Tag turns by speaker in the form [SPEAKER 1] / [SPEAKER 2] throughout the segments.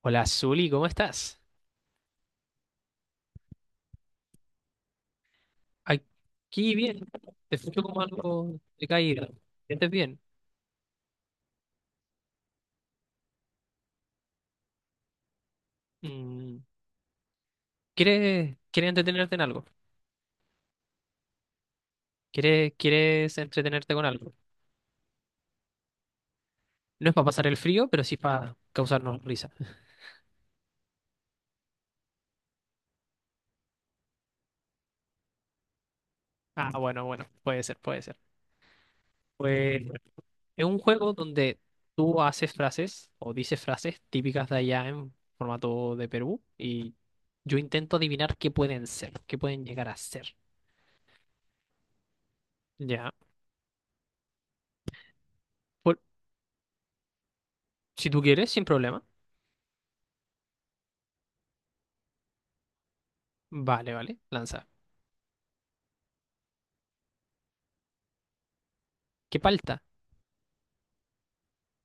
[SPEAKER 1] Hola, Zuli, ¿cómo estás? Aquí bien. Te escucho como algo de caída. ¿Sientes bien? Mm, ¿Quieres entretenerte en algo? ¿Quieres entretenerte con algo? No es para pasar el frío, pero sí para causarnos risa. Ah, bueno, bueno, puede ser, puede ser. Pues es un juego donde tú haces frases o dices frases típicas de allá en formato de Perú y yo intento adivinar qué pueden ser, qué pueden llegar a ser. Ya. Por- si tú quieres, sin problema. Vale, vale, lanza. ¿Qué palta?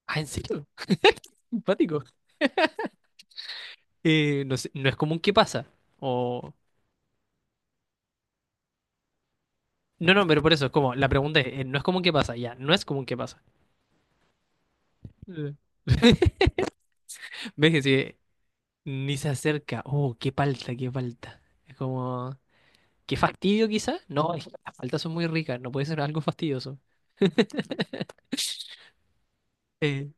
[SPEAKER 1] Ah, ¿en serio? Simpático. No sé, no es común que pasa. O. No, no, pero por eso es como, la pregunta es, no es común que pasa, ya, no es común que pasa. Eh. ¿Ves que sí, ni se acerca? Oh, qué palta, qué palta. Es como, qué fastidio quizá. No, es que las paltas son muy ricas, no puede ser algo fastidioso. Eh,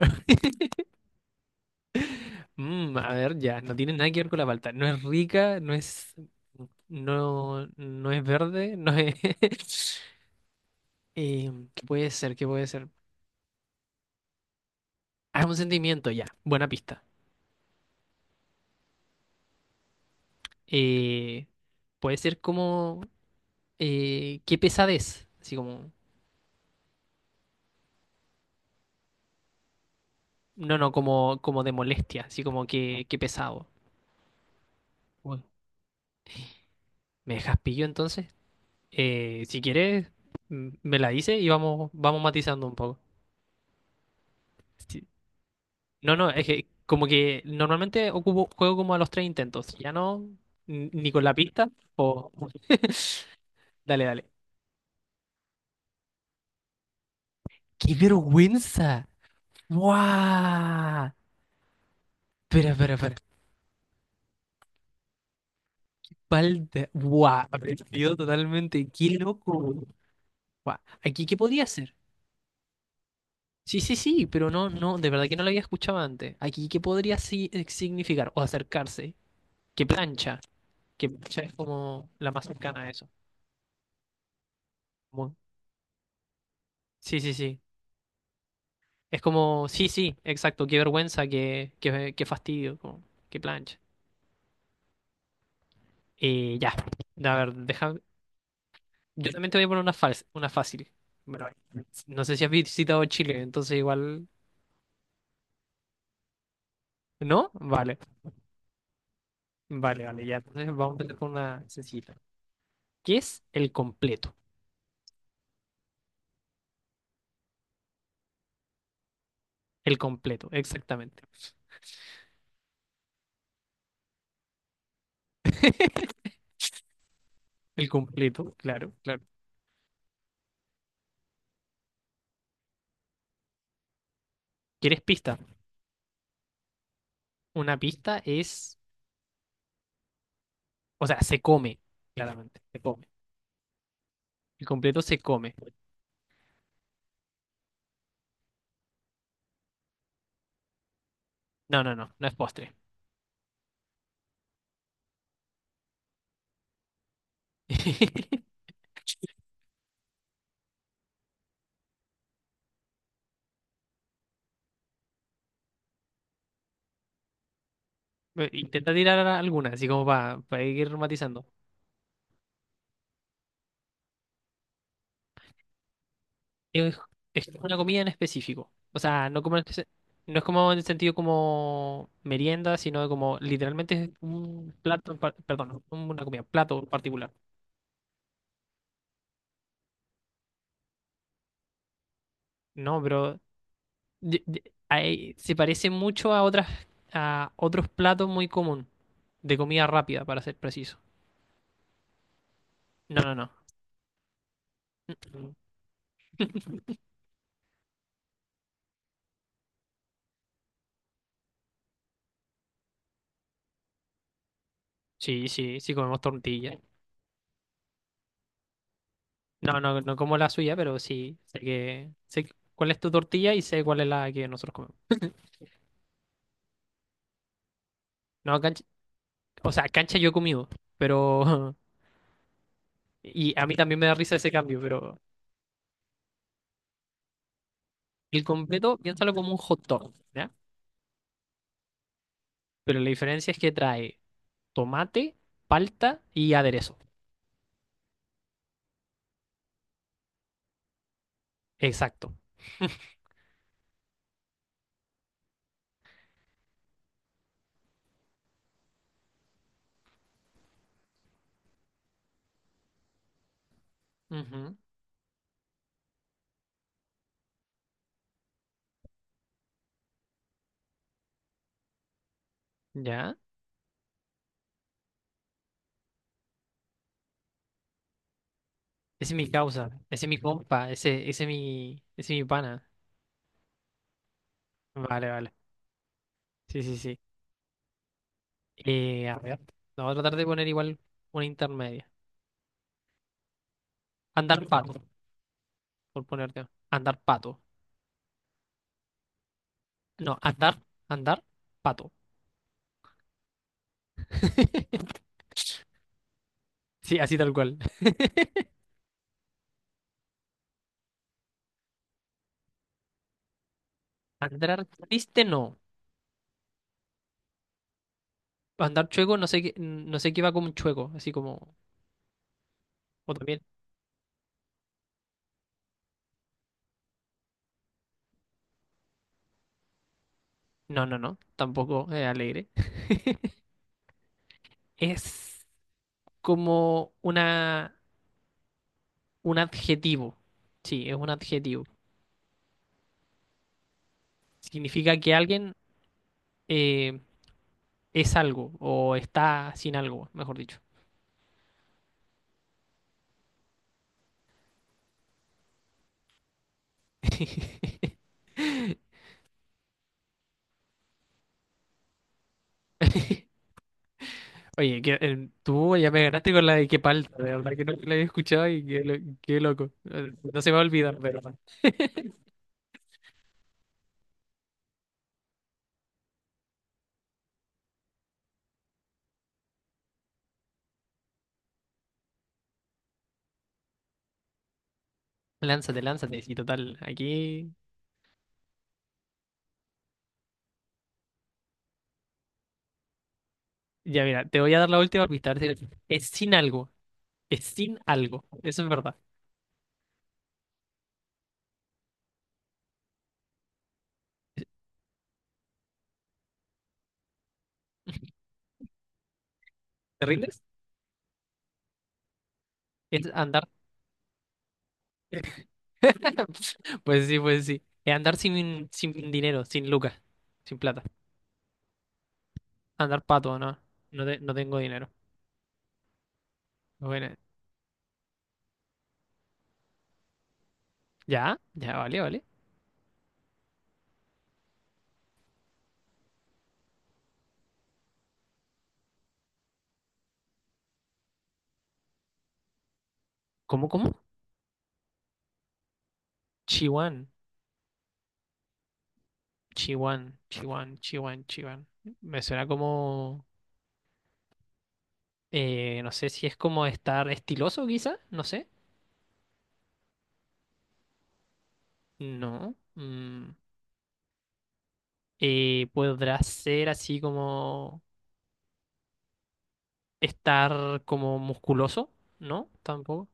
[SPEAKER 1] a ver, ya, no tiene nada que ver con la palta. No es rica, no es, no, no es verde, no es. ¿Qué puede ser? ¿Qué puede ser? Ah, es un sentimiento, ya. Buena pista. Eh, Puede ser como... qué pesadez. Así como... No, no, como, como de molestia. Así como que qué pesado. Uy, ¿me dejas pillo entonces? Si quieres, me la dices y vamos, vamos matizando un poco. Sí. No, no, es que como que normalmente ocupo, juego como a los tres intentos. Ya no, ni con la pista. O... Dale, dale. ¡Qué vergüenza! ¡Guau! Espera, espera, espera. Palta. Guau, aprendido totalmente. Qué loco. Guau. Aquí, ¿qué podría ser? Sí, sí, sí, pero no, no, de verdad que no lo había escuchado antes. Aquí, ¿qué podría significar? O acercarse. ¿Qué plancha? Que plancha es como la más cercana a eso. Como- sí, sí, sí. Es como, sí, sí, exacto. Qué vergüenza, qué, qué, qué fastidio. Como, qué plancha. Ya. A ver, deja. Yo también te voy a poner una, una fácil. Bueno, no sé si has visitado Chile, entonces igual. ¿No? Vale, vale, vale, ya. Entonces vamos a empezar con una sencilla. ¿Qué es el completo? El completo, exactamente. El completo, claro, claro. ¿Quieres pista? Una pista es, o sea, se come, claramente, se come. El completo se come. No, no, no, no es postre. Intenta tirar alguna, así como para ir matizando. Es, es una comida en específico. O sea, no es como en el sentido como merienda, sino como literalmente es un plato, perdón, una comida, plato en particular. No, pero se parece mucho a otras, a otros platos muy común de comida rápida, para ser preciso. No, no, no. Sí, sí, sí comemos tortilla. No, no, no como la suya, pero sí sé que sé cuál es tu tortilla y sé cuál es la que nosotros comemos. No, cancha, o sea, cancha yo he comido, pero y a mí también me da risa ese cambio, pero el completo, piénsalo como un hot dog, ¿ya? Pero la diferencia es que trae tomate, palta y aderezo. Exacto. Ujú. ¿Ya? Ese es mi causa, ese es mi compa, ese, ese es mi pana. Vale, vale. Sí, sí, sí. A ver, vamos a tratar de poner igual una intermedia. Andar pato, por ponerte. Andar pato. No, andar, andar pato. Sí, así tal cual. Andar triste no. Andar chueco, no sé qué, no sé qué va como un chueco, así como, o también, no, no, no, tampoco es alegre. Es como una, un adjetivo, sí, es un adjetivo. Significa que alguien eh, es algo o está sin algo, mejor dicho. Oye, que, tú ya me ganaste con la de qué palta, de verdad que no la había escuchado y qué, qué loco. No se me va a olvidar, de verdad. Lánzate, lánzate, sí, total, aquí... Ya mira, te voy a dar la última pista. A ver si- Es sin algo. Es sin algo. Eso es verdad. ¿Te rindes? Es andar. Pues sí, pues sí. Es andar sin, sin dinero, sin lucas, sin plata. Andar pato, no. No, no tengo dinero. Bueno, ya, ya, vale, vale. ¿Cómo, cómo? Chiwan, Chiwan, Chiwan, Chiwan, Chiwan. Me suena como, no sé si es como estar estiloso, quizá, no sé. No. Podrá ser así como estar como musculoso, ¿no? Tampoco.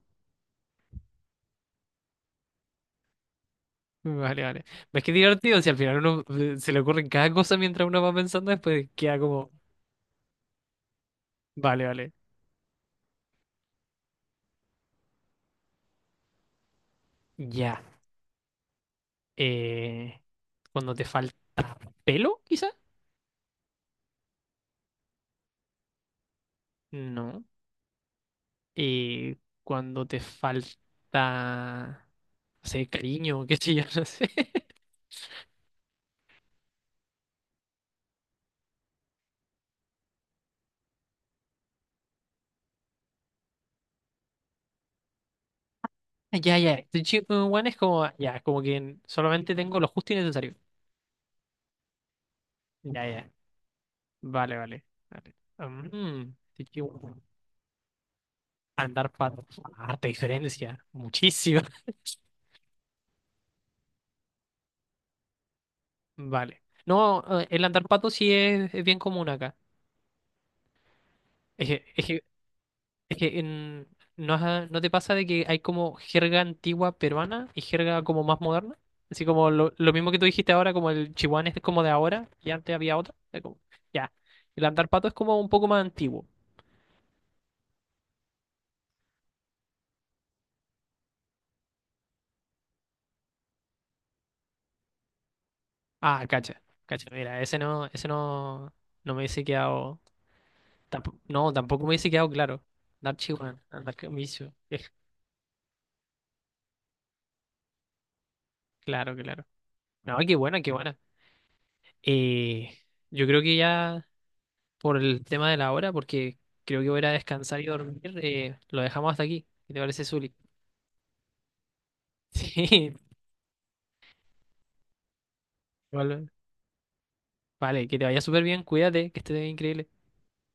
[SPEAKER 1] Vale, vale. Es que es divertido si al final uno se le ocurre cada cosa mientras uno va pensando, después queda como, vale, vale. Ya. Eh, Cuando te falta pelo, quizá. No. Eh, Cuando te falta, no sé, cariño, qué sé yo, no sé. Ya, ya. Estoy chico, bueno, es como, ya, como que solamente tengo lo justo y necesario. Ya, ya. Vale, vale. Vale. Estoy chico. Andar pato. Harta diferencia. Muchísima. Vale. No, el andar pato sí es bien común acá. Es que, es que- es que en- ¿No, no te pasa de que hay como jerga antigua peruana y jerga como más moderna? Así como lo mismo que tú dijiste ahora, como el chihuahua es como de ahora y antes había otra. Ya. El andar pato es como un poco más antiguo. Ah, cacha. Cacha, mira, ese no, no me hubiese quedado. No, tampoco me hubiese quedado claro. Andar chihuahua, andar camiso. Claro, claro. No, qué buena, qué buena. Eh, yo creo que ya por el tema de la hora, porque creo que voy a ir a descansar y dormir, lo dejamos hasta aquí. ¿Qué te parece, Zuli? Sí, vale. Vale, que te vaya súper bien, cuídate, que estés increíble.